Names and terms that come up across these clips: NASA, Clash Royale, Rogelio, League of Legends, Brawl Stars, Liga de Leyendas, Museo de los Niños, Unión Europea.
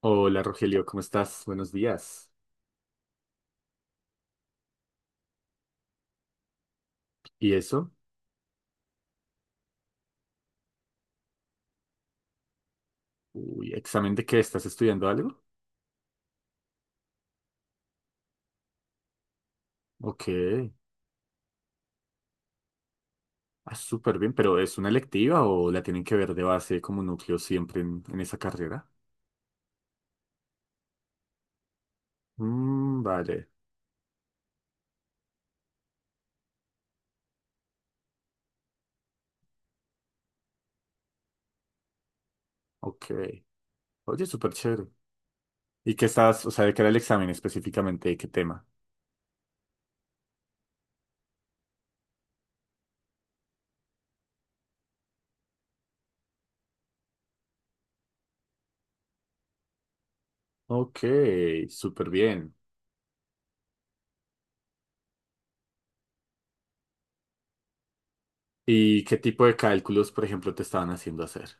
Hola Rogelio, ¿cómo estás? Buenos días. ¿Y eso? Uy, ¿examen de qué? ¿Estás estudiando algo? Ok. Ah, súper bien, pero ¿es una electiva o la tienen que ver de base como núcleo siempre en esa carrera? Mm, vale, ok. Oye, súper chévere. ¿Y qué estás, o sea, de qué era el examen específicamente? ¿De qué tema? Ok, súper bien. ¿Y qué tipo de cálculos, por ejemplo, te estaban haciendo hacer?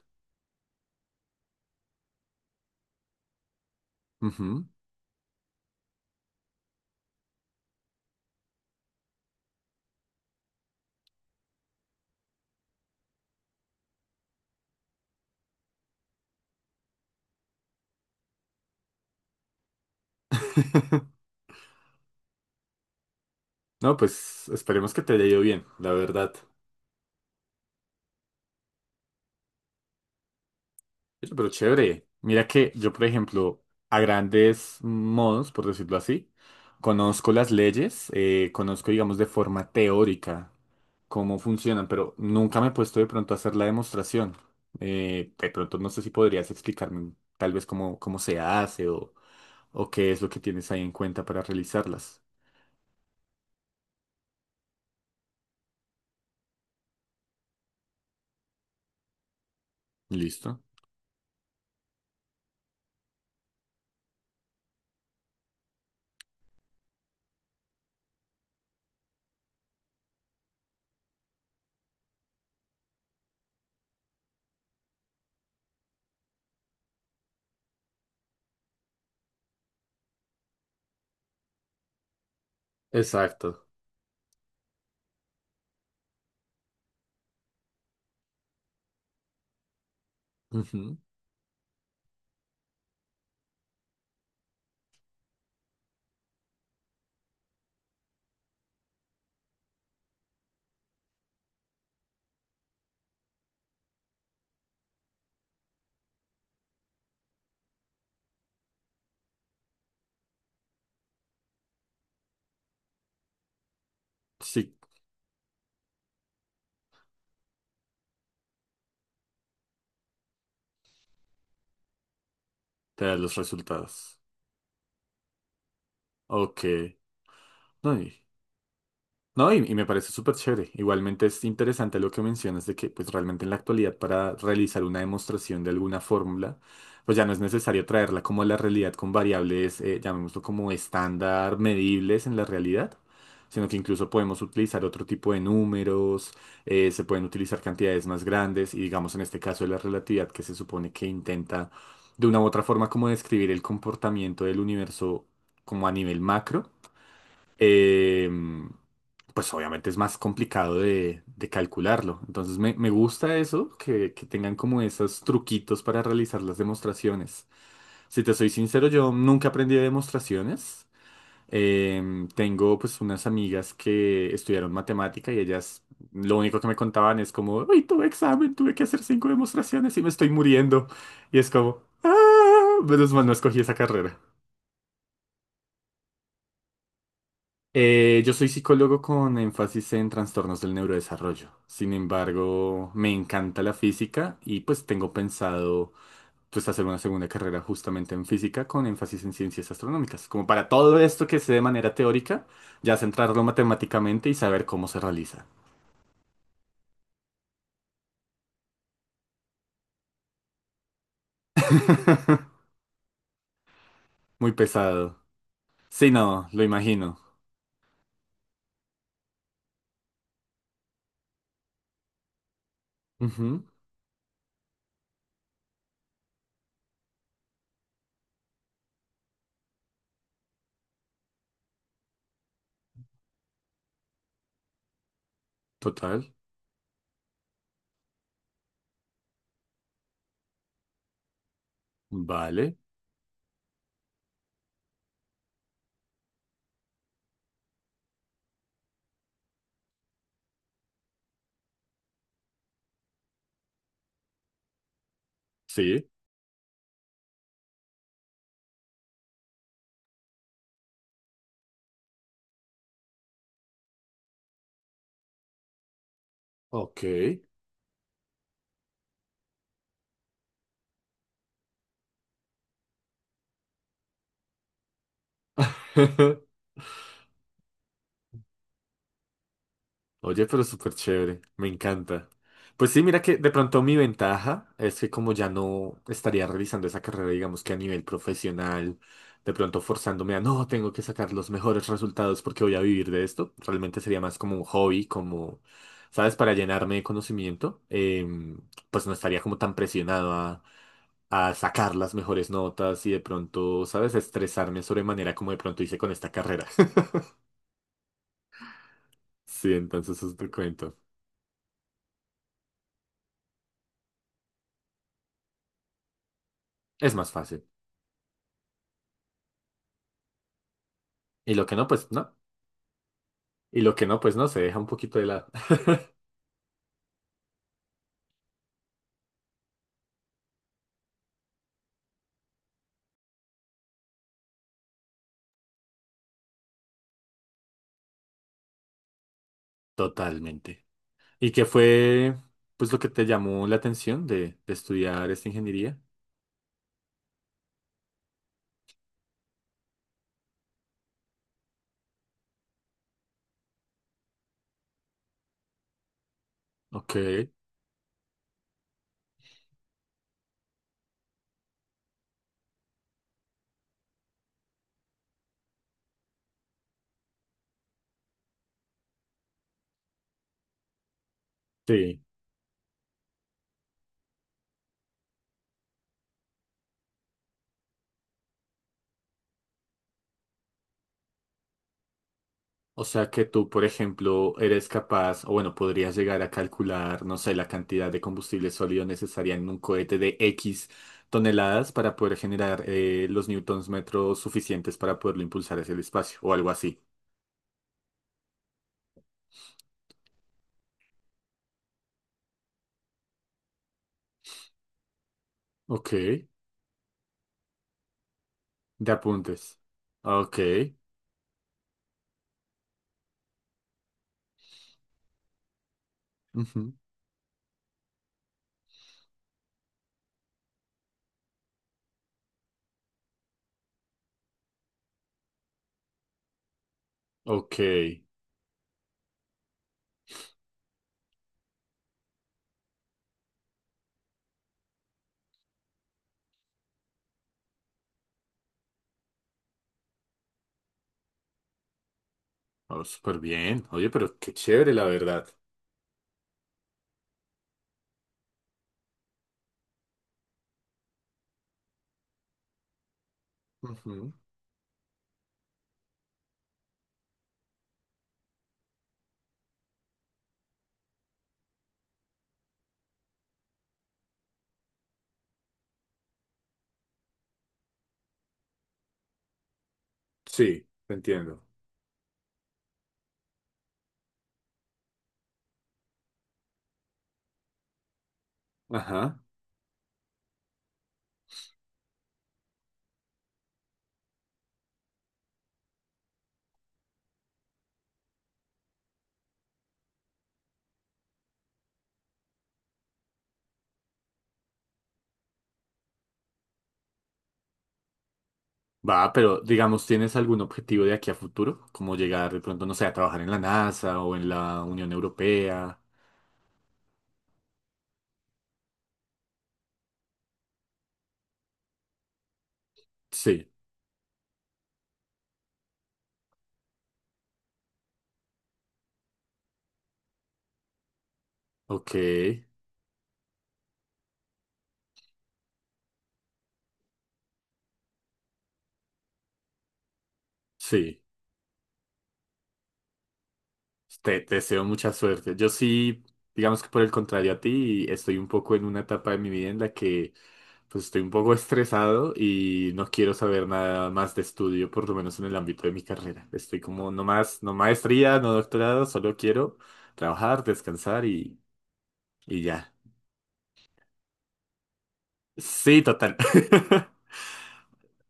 Ujú. No, pues esperemos que te haya ido bien, la verdad. Oye, pero chévere. Mira que yo, por ejemplo, a grandes modos, por decirlo así, conozco las leyes, conozco, digamos, de forma teórica cómo funcionan, pero nunca me he puesto de pronto a hacer la demostración. De pronto no sé si podrías explicarme tal vez cómo se hace o qué es lo que tienes ahí en cuenta para realizarlas. ¿Listo? Exacto. Ujú. Sí, te da los resultados. Ok. No, y- No, y me parece súper chévere. Igualmente es interesante lo que mencionas de que pues realmente en la actualidad para realizar una demostración de alguna fórmula, pues ya no es necesario traerla como a la realidad con variables, llamémoslo como estándar, medibles en la realidad, sino que incluso podemos utilizar otro tipo de números, se pueden utilizar cantidades más grandes y digamos en este caso de la relatividad que se supone que intenta de una u otra forma como describir el comportamiento del universo como a nivel macro, eh, pues obviamente es más complicado de calcularlo. Entonces me gusta eso, que tengan como esos truquitos para realizar las demostraciones. Si te soy sincero, yo nunca aprendí de demostraciones. Tengo pues unas amigas que estudiaron matemática y ellas lo único que me contaban es como, uy, tuve examen, tuve que hacer cinco demostraciones y me estoy muriendo. Y es como, ah, menos mal no escogí esa carrera. Yo soy psicólogo con énfasis en trastornos del neurodesarrollo. Sin embargo, me encanta la física y pues tengo pensado pues hacer una segunda carrera justamente en física con énfasis en ciencias astronómicas. Como para todo esto que sé de manera teórica, ya centrarlo matemáticamente y saber cómo se realiza. Muy pesado. Sí, no, lo imagino. Ujú, total. Vale. Sí. Ok. Oye, pero súper chévere, me encanta. Pues sí, mira que de pronto mi ventaja es que como ya no estaría realizando esa carrera, digamos que a nivel profesional, de pronto forzándome a no, tengo que sacar los mejores resultados porque voy a vivir de esto, realmente sería más como un hobby, como, ¿sabes? Para llenarme de conocimiento, pues no estaría como tan presionado a sacar las mejores notas y de pronto, ¿sabes? Estresarme sobremanera como de pronto hice con esta carrera. Sí, entonces eso te cuento. Es más fácil. Y lo que no, pues no. Y lo que no, pues no, se deja un poquito de lado. Totalmente. ¿Y qué fue, pues, lo que te llamó la atención de estudiar esta ingeniería? Ok, sí. O sea que tú, por ejemplo, eres capaz, o bueno, podrías llegar a calcular, no sé, la cantidad de combustible sólido necesaria en un cohete de X toneladas para poder generar los newtons metros suficientes para poderlo impulsar hacia el espacio, o algo así. Ok, de apuntes. Ok. Ujú, ok. Oh, súper bien. Oye, pero qué chévere, la verdad. Ujú. Sí, te entiendo. Ajá. Va, pero digamos, ¿tienes algún objetivo de aquí a futuro? Como llegar de pronto, no sé, a trabajar en la NASA o en la Unión Europea. Sí, ok. Sí. Te deseo mucha suerte. Yo sí, digamos que por el contrario a ti, estoy un poco en una etapa de mi vida en la que pues estoy un poco estresado y no quiero saber nada más de estudio, por lo menos en el ámbito de mi carrera. Estoy como no más, no maestría, no doctorado, solo quiero trabajar, descansar y ya. Sí, total.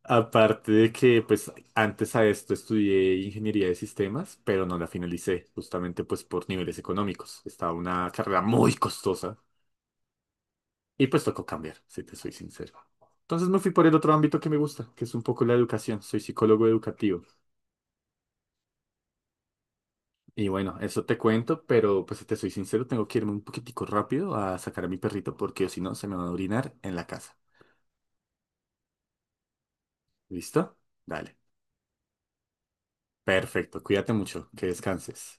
Aparte de que, pues, antes a esto estudié ingeniería de sistemas, pero no la finalicé, justamente pues por niveles económicos. Estaba una carrera muy costosa y pues tocó cambiar, si te soy sincero. Entonces me fui por el otro ámbito que me gusta, que es un poco la educación. Soy psicólogo educativo. Y bueno, eso te cuento, pero pues si te soy sincero, tengo que irme un poquitico rápido a sacar a mi perrito porque o si no se me van a orinar en la casa. ¿Listo? Dale. Perfecto, cuídate mucho, que descanses.